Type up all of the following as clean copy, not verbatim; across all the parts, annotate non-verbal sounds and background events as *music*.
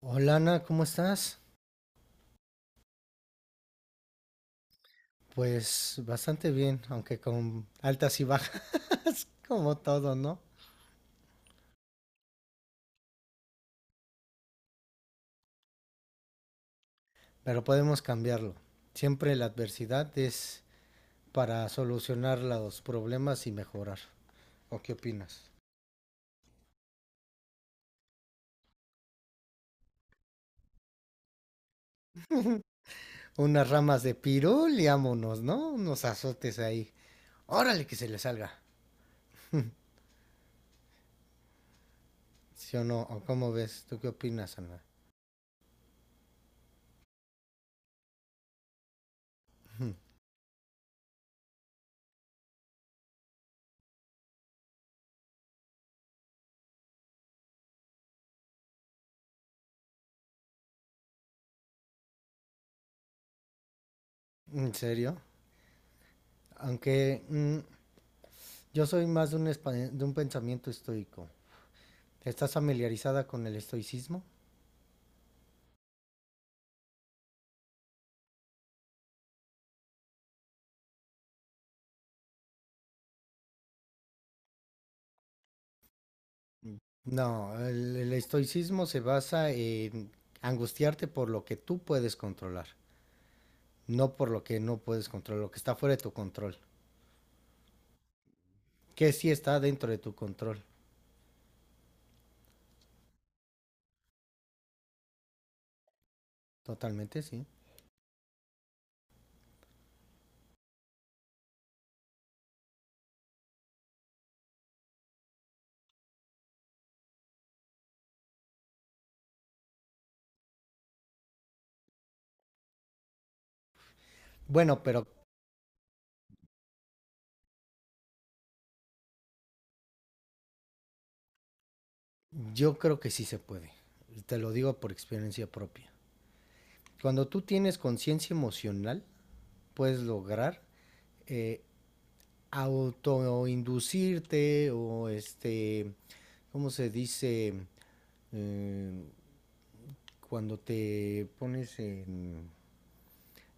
Hola Ana, ¿cómo estás? Pues bastante bien, aunque con altas y bajas, *laughs* como todo, ¿no? Pero podemos cambiarlo. Siempre la adversidad es para solucionar los problemas y mejorar. ¿O qué opinas? Unas ramas de pirul y ámonos, ¿no? Unos azotes ahí. Órale que se le salga. ¿Sí o no? ¿O cómo ves? ¿Tú qué opinas, Ana? *laughs* ¿En serio? Aunque yo soy más de un pensamiento estoico. ¿Estás familiarizada con el estoicismo? Mm, No, el estoicismo se basa en angustiarte por lo que tú puedes controlar, no por lo que no puedes controlar, lo que está fuera de tu control, que sí está dentro de tu control, totalmente, sí. Bueno, pero yo creo que sí se puede, y te lo digo por experiencia propia. Cuando tú tienes conciencia emocional, puedes lograr eh, autoinducirte o este, ¿cómo se dice? Eh, cuando te pones en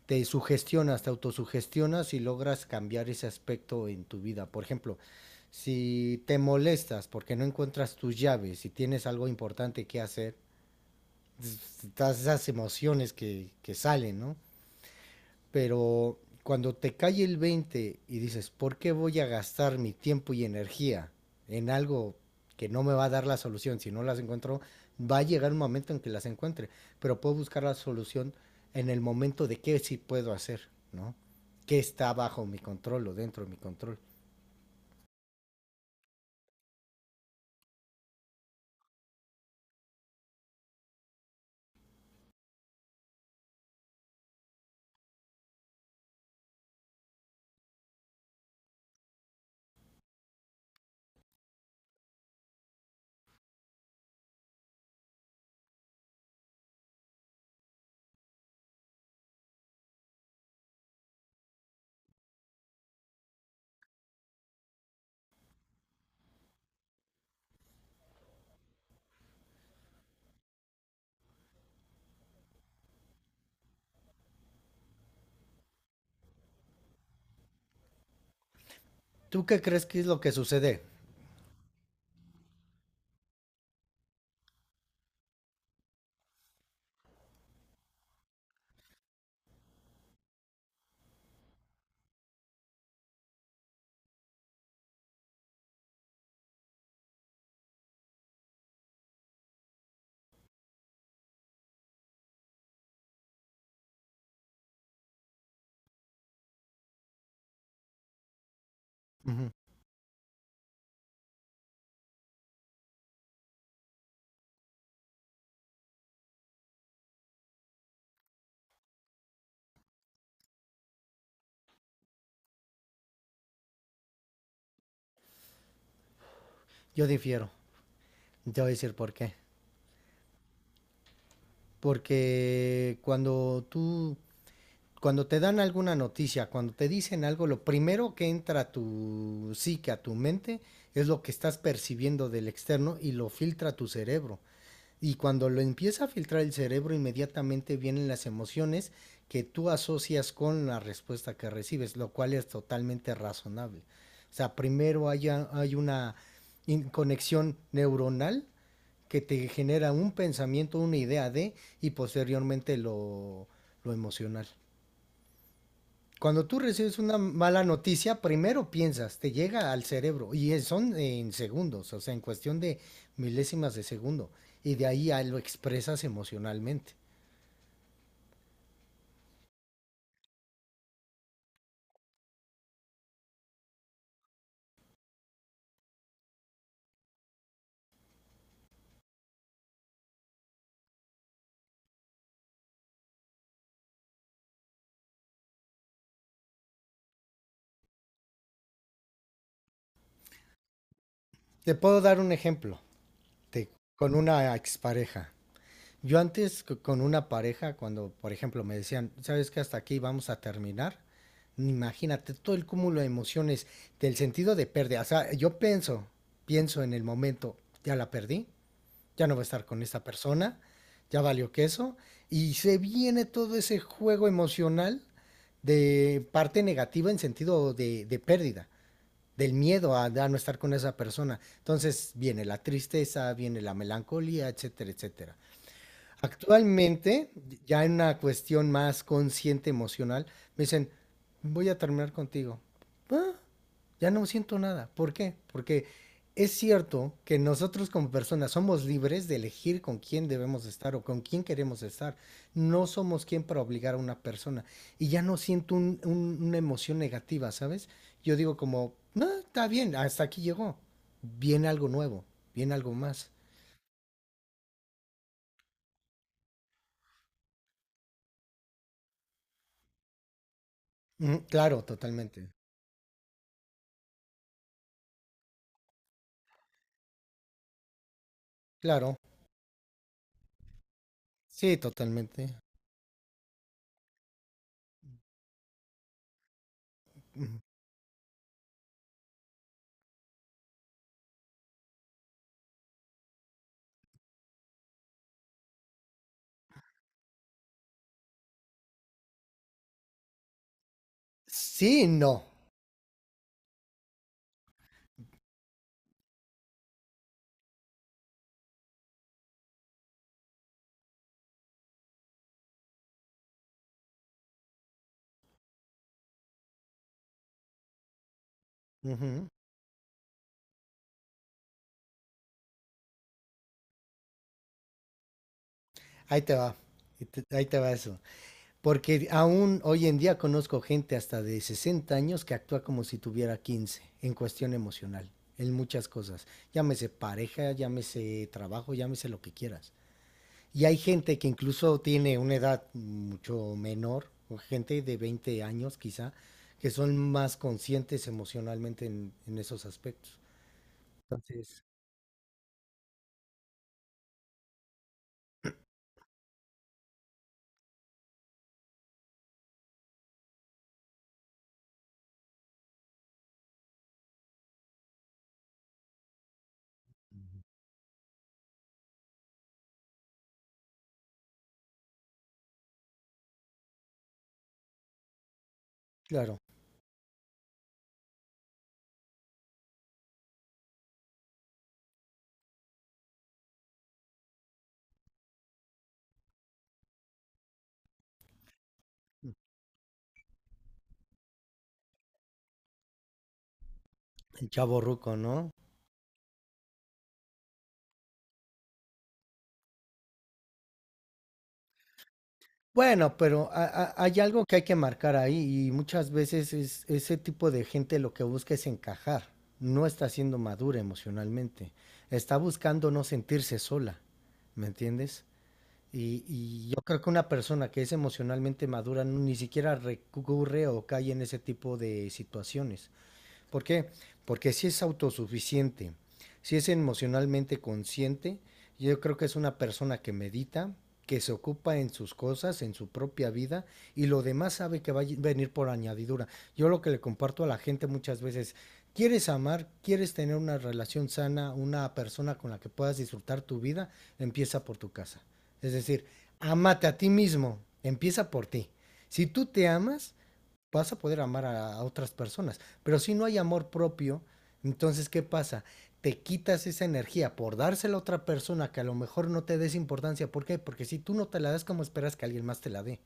te sugestionas, te autosugestionas y logras cambiar ese aspecto en tu vida. Por ejemplo, si te molestas porque no encuentras tus llaves y tienes algo importante que hacer, todas esas emociones que salen, ¿no? Pero cuando te cae el veinte y dices, ¿por qué voy a gastar mi tiempo y energía en algo que no me va a dar la solución? Si no las encuentro, va a llegar un momento en que las encuentre, pero puedo buscar la solución en el momento de qué sí puedo hacer, ¿no? ¿Qué está bajo mi control o dentro de mi control? ¿Tú qué crees que es lo que sucede? Ujú. Yo difiero. Te voy a decir por qué. Porque cuando te dan alguna noticia, cuando te dicen algo, lo primero que entra a tu psique, a tu mente, es lo que estás percibiendo del externo y lo filtra tu cerebro. Y cuando lo empieza a filtrar el cerebro, inmediatamente vienen las emociones que tú asocias con la respuesta que recibes, lo cual es totalmente razonable. O sea, primero hay una conexión neuronal que te genera un pensamiento, una idea de, y posteriormente lo emocional. Cuando tú recibes una mala noticia, primero piensas, te llega al cerebro y son en segundos, o sea, en cuestión de milésimas de segundo, y de ahí ya lo expresas emocionalmente. Te puedo dar un ejemplo de, con una expareja. Yo antes con una pareja, cuando por ejemplo me decían, ¿sabes que hasta aquí vamos a terminar? Imagínate todo el cúmulo de emociones, del sentido de pérdida. O sea, yo pienso en el momento, ya la perdí, ya no va a estar con esta persona, ya valió queso, y se viene todo ese juego emocional de parte negativa en sentido de pérdida, del miedo a no estar con esa persona. Entonces viene la tristeza, viene la melancolía, etcétera, etcétera. Actualmente, ya en una cuestión más consciente emocional, me dicen, voy a terminar contigo. Ah, ya no siento nada. ¿Por qué? Porque es cierto que nosotros como personas somos libres de elegir con quién debemos estar o con quién queremos estar. No somos quien para obligar a una persona. Y ya no siento una emoción negativa, ¿sabes? Yo digo como, "Ah, está bien, hasta aquí llegó. Viene algo nuevo, viene algo más." Mm, claro, totalmente. Claro. Sí, totalmente. Ujú. Sí, no. Ujú. Ahí te va. Ahí te va eso. Porque aún hoy en día conozco gente hasta de 60 años que actúa como si tuviera 15 en cuestión emocional, en muchas cosas. Llámese pareja, llámese trabajo, llámese lo que quieras. Y hay gente que incluso tiene una edad mucho menor, o gente de 20 años quizá, que son más conscientes emocionalmente en esos aspectos. Entonces, claro, el chavo ruco, ¿no? Bueno, pero hay algo que hay que marcar ahí y muchas veces es, ese tipo de gente lo que busca es encajar, no está siendo madura emocionalmente, está buscando no sentirse sola, ¿me entiendes? Y yo creo que una persona que es emocionalmente madura ni siquiera recurre o cae en ese tipo de situaciones. ¿Por qué? Porque si es autosuficiente, si es emocionalmente consciente, yo creo que es una persona que medita, que se ocupa en sus cosas, en su propia vida, y lo demás sabe que va a venir por añadidura. Yo lo que le comparto a la gente muchas veces, ¿quieres amar? ¿Quieres tener una relación sana, una persona con la que puedas disfrutar tu vida? Empieza por tu casa. Es decir, ámate a ti mismo, empieza por ti. Si tú te amas, vas a poder amar a otras personas. Pero si no hay amor propio, entonces, ¿qué pasa? Te quitas esa energía por dársela a otra persona que a lo mejor no te des importancia. ¿Por qué? Porque si tú no te la das, ¿cómo esperas que alguien más te la dé?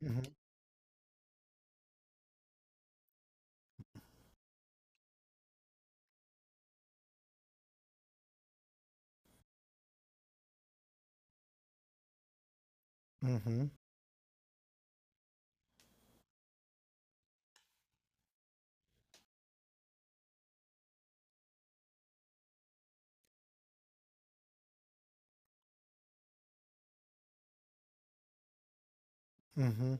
Ujú, ujú, ujú.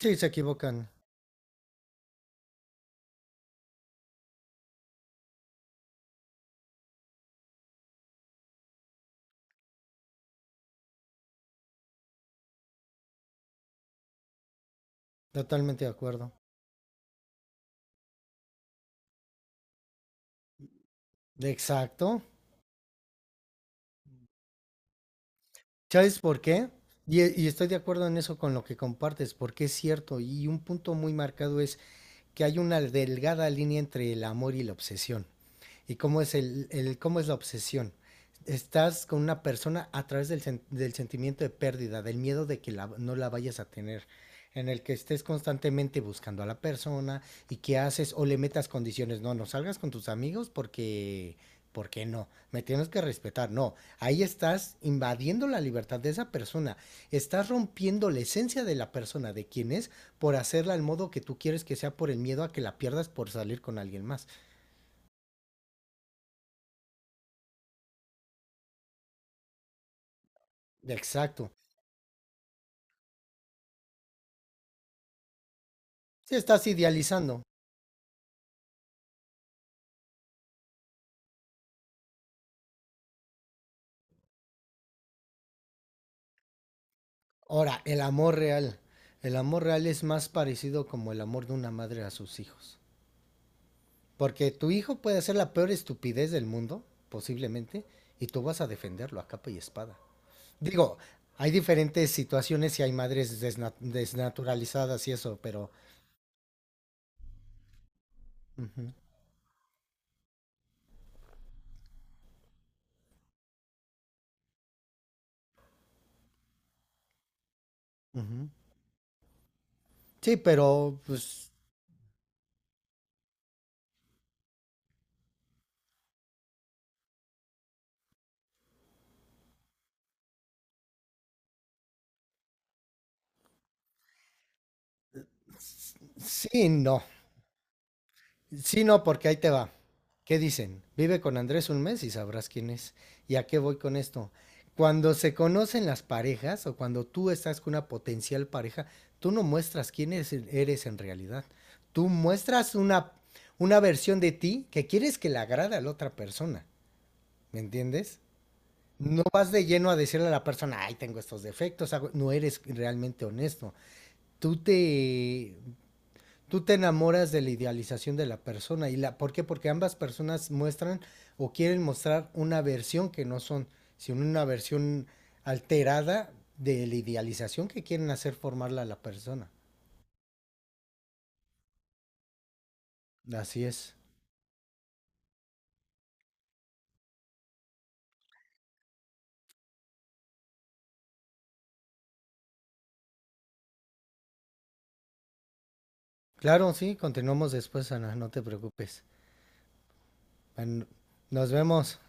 Sí, se equivocan. Totalmente de acuerdo. Exacto. ¿Sabes por qué? Y estoy de acuerdo en eso con lo que compartes, porque es cierto. Y un punto muy marcado es, que hay una delgada línea entre el amor y la obsesión. ¿Y cómo es, cómo es la obsesión? Estás con una persona a través del sentimiento de pérdida, del miedo de que no la vayas a tener, en el que estés constantemente buscando a la persona y que haces o le metas condiciones. No, no salgas con tus amigos porque no, me tienes que respetar. No, ahí estás invadiendo la libertad de esa persona, estás rompiendo la esencia de la persona, de quien es, por hacerla al modo que tú quieres que sea por el miedo a que la pierdas por salir con alguien más. Exacto. Si estás idealizando. Ahora, el amor real. El amor real es más parecido como el amor de una madre a sus hijos. Porque tu hijo puede hacer la peor estupidez del mundo, posiblemente, y tú vas a defenderlo a capa y espada. Digo, hay diferentes situaciones y hay madres desnaturalizadas y eso, pero... ujú, ujú. Sí, pero pues sí, no. Sí, no, porque ahí te va. ¿Qué dicen? Vive con Andrés un mes y sabrás quién es. ¿Y a qué voy con esto? Cuando se conocen las parejas o cuando tú estás con una potencial pareja, tú no muestras quién eres en realidad. Tú muestras una versión de ti que quieres que le agrade a la otra persona. ¿Me entiendes? No vas de lleno a decirle a la persona, ay, tengo estos defectos". No eres realmente honesto. Tú te tú te enamoras de la idealización de la persona. ¿Y la, por qué? Porque ambas personas muestran o quieren mostrar una versión que no son, sino una versión alterada de la idealización que quieren hacer formarla a la persona. Así es. Claro, sí, continuamos después, Ana, no te preocupes. Bueno, nos vemos.